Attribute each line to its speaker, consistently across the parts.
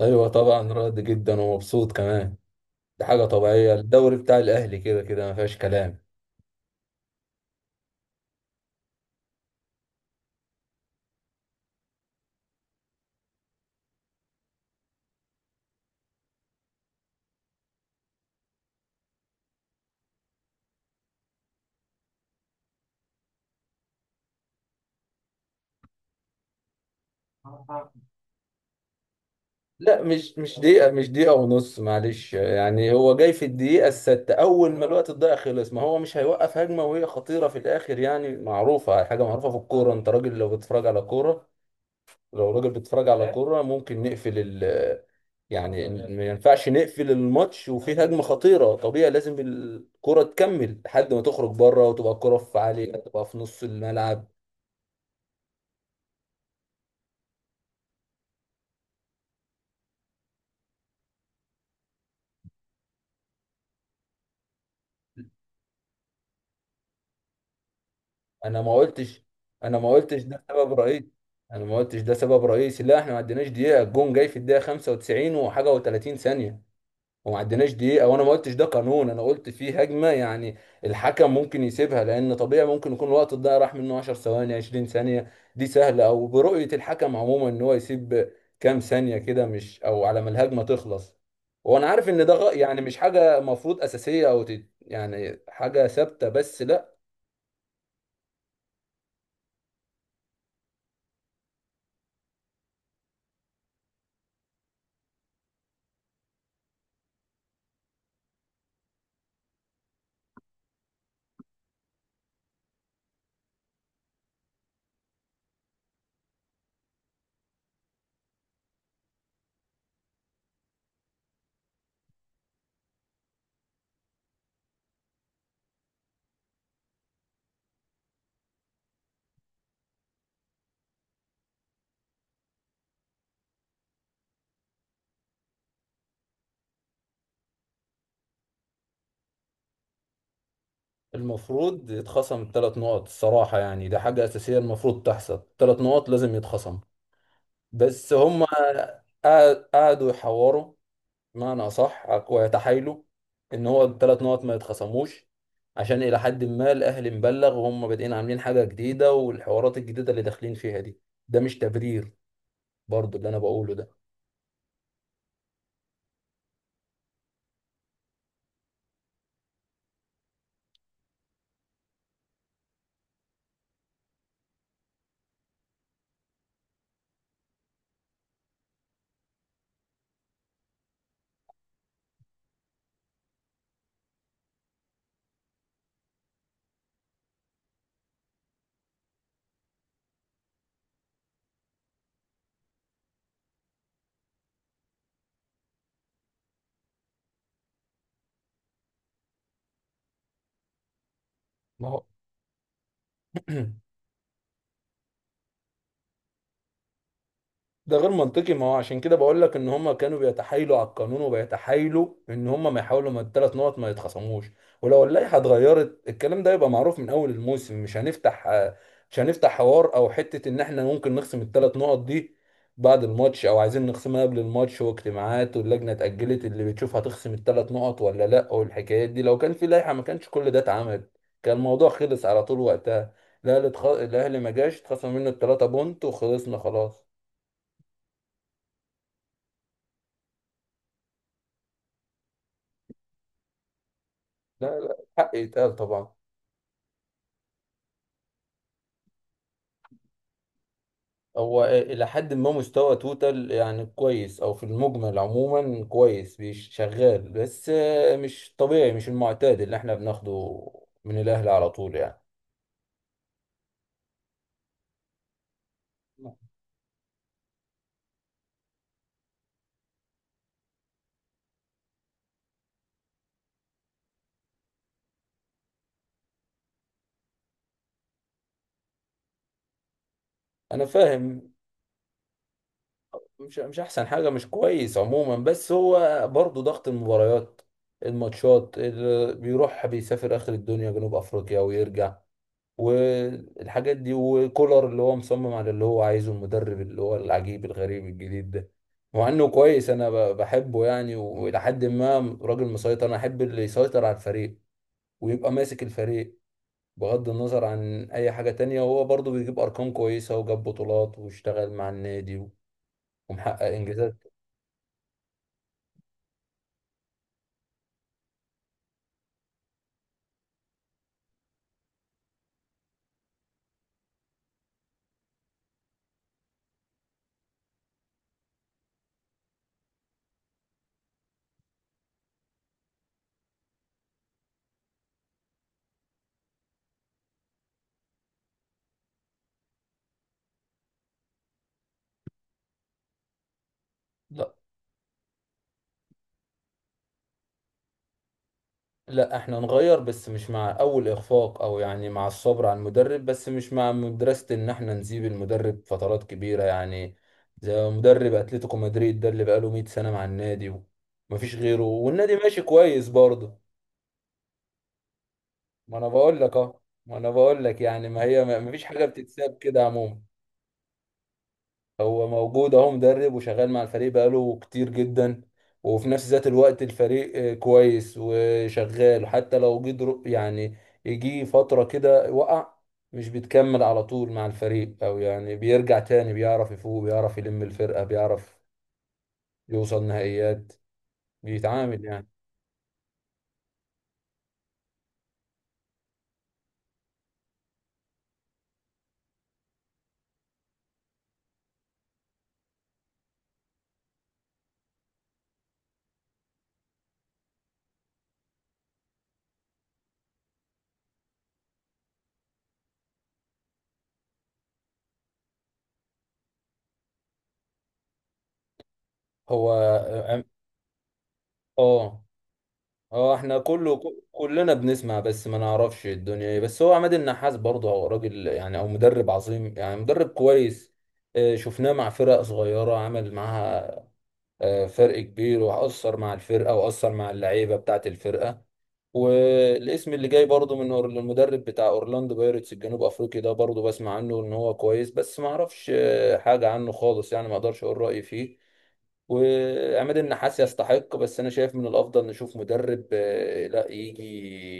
Speaker 1: ايوه، طبعا راضي جدا ومبسوط كمان. دي حاجه طبيعيه، الدوري بتاع الاهلي كده كده ما فيهاش كلام. لا، مش دقيقه، مش دقيقه ونص، معلش، يعني هو جاي في الدقيقه السادسه اول ما الوقت الضايع خلص. ما هو مش هيوقف هجمه وهي خطيره في الاخر، يعني معروفه، حاجه معروفه في الكوره. انت راجل لو بتتفرج على كوره، لو راجل بيتفرج على كورة ممكن نقفل ال، يعني ما ينفعش نقفل الماتش وفيه هجمة خطيرة، طبيعي لازم الكرة تكمل لحد ما تخرج بره، وتبقى الكرة في عليك، تبقى في نص الملعب. انا ما قلتش انا ما قلتش ده سبب رئيسي. لا احنا ما عديناش دقيقة، الجون جاي في الدقيقة 95 وحاجة و30 ثانية، وما عديناش دقيقة، وانا ما قلتش ده قانون، انا قلت فيه هجمة يعني الحكم ممكن يسيبها، لان طبيعي ممكن يكون الوقت الضايع راح منه 10 ثواني 20 ثانية، دي سهلة، او برؤية الحكم عموما ان هو يسيب كام ثانية كده، مش او على ما الهجمة تخلص. وانا عارف ان ده يعني مش حاجة مفروض اساسية، او يعني حاجة ثابتة، بس لا. المفروض يتخصم الثلاث نقط الصراحة، يعني ده حاجة اساسية المفروض تحصل، ثلاث نقط لازم يتخصم. بس هم قعدوا يحوروا بمعنى أصح ويتحايلوا إن هو الثلاث نقط ما يتخصموش، عشان إلى حد ما الأهلي مبلغ وهم بادئين عاملين حاجة جديدة، والحوارات الجديدة اللي داخلين فيها دي، ده مش تبرير برضو اللي أنا بقوله ده. ما هو ده غير منطقي، ما هو عشان كده بقول لك ان هم كانوا بيتحايلوا على القانون وبيتحايلوا ان هم ما يحاولوا ما الثلاث نقط ما يتخصموش. ولو اللائحه اتغيرت، الكلام ده يبقى معروف من اول الموسم. مش هنفتح حوار او حته ان احنا ممكن نخصم الثلاث نقط دي بعد الماتش، او عايزين نخصمها قبل الماتش، واجتماعات، واللجنه اتاجلت اللي بتشوف هتخصم الثلاث نقط ولا لا. والحكايات دي لو كان في لائحه ما كانش كل ده اتعمل، كان الموضوع خلص على طول وقتها، الاهلي ما جاش اتخصم منه الثلاثه بونت وخلصنا خلاص. لا، لا، حق يتقال طبعا. هو إلى حد ما مستوى توتال يعني كويس، أو في المجمل عموما كويس، شغال، بس مش طبيعي، مش المعتاد اللي احنا بناخده من الأهلي على طول يعني. أنا فاهم. مش أحسن حاجة، مش كويس عموما، بس هو برضه ضغط المباريات، الماتشات اللي بيروح بيسافر آخر الدنيا جنوب أفريقيا ويرجع، والحاجات دي، وكولر اللي هو مصمم على اللي هو عايزه، المدرب اللي هو العجيب الغريب الجديد ده. مع انه كويس، انا بحبه يعني، والى حد ما راجل مسيطر، انا احب اللي يسيطر على الفريق ويبقى ماسك الفريق بغض النظر عن اي حاجة تانية، وهو برضه بيجيب ارقام كويسة وجاب بطولات واشتغل مع النادي ومحقق انجازات. لا احنا نغير، بس مش مع اول اخفاق، او يعني مع الصبر على المدرب، بس مش مع مدرسة ان احنا نسيب المدرب فترات كبيرة يعني، زي مدرب اتلتيكو مدريد ده اللي بقاله 100 سنة مع النادي ومفيش غيره والنادي ماشي كويس برضه. ما انا بقول لك اه ما انا بقول لك يعني، ما هي مفيش حاجة بتتساب كده عموما. هو موجود اهو، مدرب وشغال مع الفريق بقاله كتير جدا، وفي نفس ذات الوقت الفريق كويس وشغال، وحتى لو جه يعني يجي فترة كده وقع، مش بيتكمل على طول مع الفريق، او يعني بيرجع تاني، بيعرف يفوق، بيعرف يلم الفرقة، بيعرف يوصل نهائيات، بيتعامل يعني. هو اه آه، آه، هو احنا كلنا بنسمع بس ما نعرفش الدنيا ايه، بس هو عماد النحاس برضه هو راجل يعني او مدرب عظيم، يعني مدرب كويس. شفناه مع فرق صغيرة عمل معاها فرق كبير، وأثر مع الفرقة، وأثر مع اللعيبة بتاعة الفرقة. والاسم اللي جاي برضه من المدرب بتاع اورلاندو بايرتس الجنوب افريقي ده، برضه بسمع عنه ان هو كويس، بس ما اعرفش حاجة عنه خالص، يعني ما اقدرش اقول رأيي فيه. وعماد النحاس يستحق، بس انا شايف من الافضل نشوف مدرب لا يجي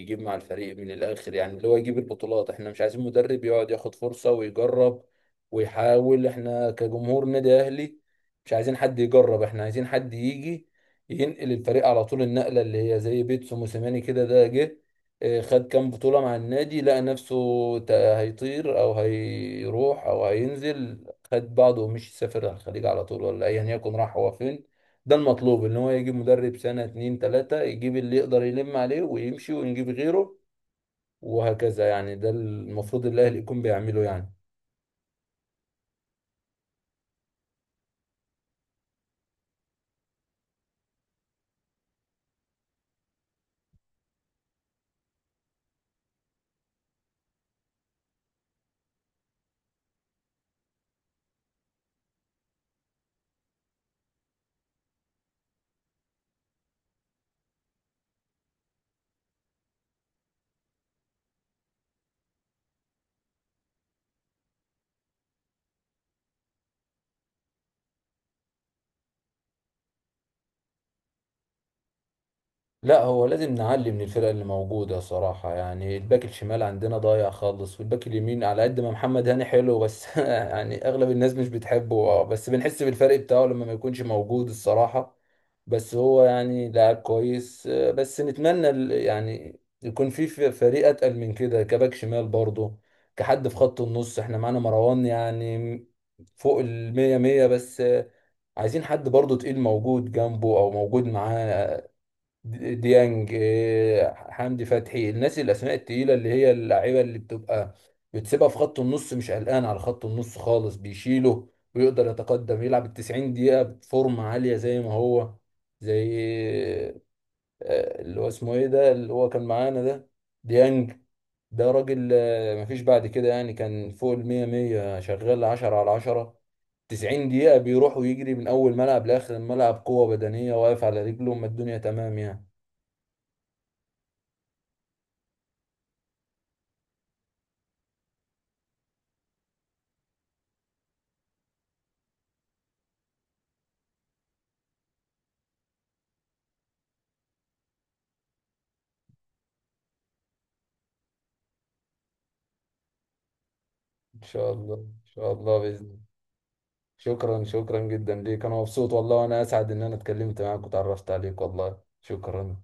Speaker 1: يجيب مع الفريق من الاخر، يعني اللي هو يجيب البطولات. احنا مش عايزين مدرب يقعد ياخد فرصة ويجرب ويحاول، احنا كجمهور نادي اهلي مش عايزين حد يجرب، احنا عايزين حد يجي ينقل الفريق على طول النقلة، اللي هي زي بيتسو موسيماني كده، ده جه خد كام بطولة مع النادي، لقى نفسه هيطير أو هيروح أو هينزل، خد بعضه ومشي سافر على الخليج على طول، ولا أيا يكن راح هو فين. ده المطلوب، إن هو يجيب مدرب سنة اتنين تلاتة، يجيب اللي يقدر يلم عليه ويمشي ونجيب غيره وهكذا، يعني ده المفروض الأهلي يكون بيعمله يعني. لا، هو لازم نعلي من الفرق اللي موجودة صراحة، يعني الباك الشمال عندنا ضايع خالص، والباك اليمين على قد ما محمد هاني حلو بس يعني أغلب الناس مش بتحبه بس بنحس بالفرق بتاعه لما ما يكونش موجود الصراحة. بس هو يعني لاعب كويس بس نتمنى ال، يعني يكون في فريق أتقل من كده كباك شمال برضه. كحد في خط النص، احنا معانا مروان يعني فوق المية مية، بس عايزين حد برضه تقيل موجود جنبه او موجود معاه، ديانج، حمدي فتحي، الناس الاسماء التقيله اللي هي اللعيبه اللي بتبقى بتسيبها في خط النص مش قلقان على خط النص خالص. بيشيله ويقدر يتقدم، يلعب ال 90 دقيقه بفورمه عاليه زي ما هو، زي اللي هو اسمه ايه ده اللي هو كان معانا ده، ديانج، ده راجل مفيش بعد كده يعني، كان فوق ال 100 100 شغال 10 على 10، 90 دقيقه بيروح ويجري من اول ملعب لاخر الملعب، قوه بدنيه واقف على رجله، ما الدنيا تمام يعني. ان شاء الله، ان شاء الله، باذن الله. شكرا، شكرا جدا ليك، انا مبسوط والله، وانا اسعد ان انا اتكلمت معاك وتعرفت عليك، والله شكرا.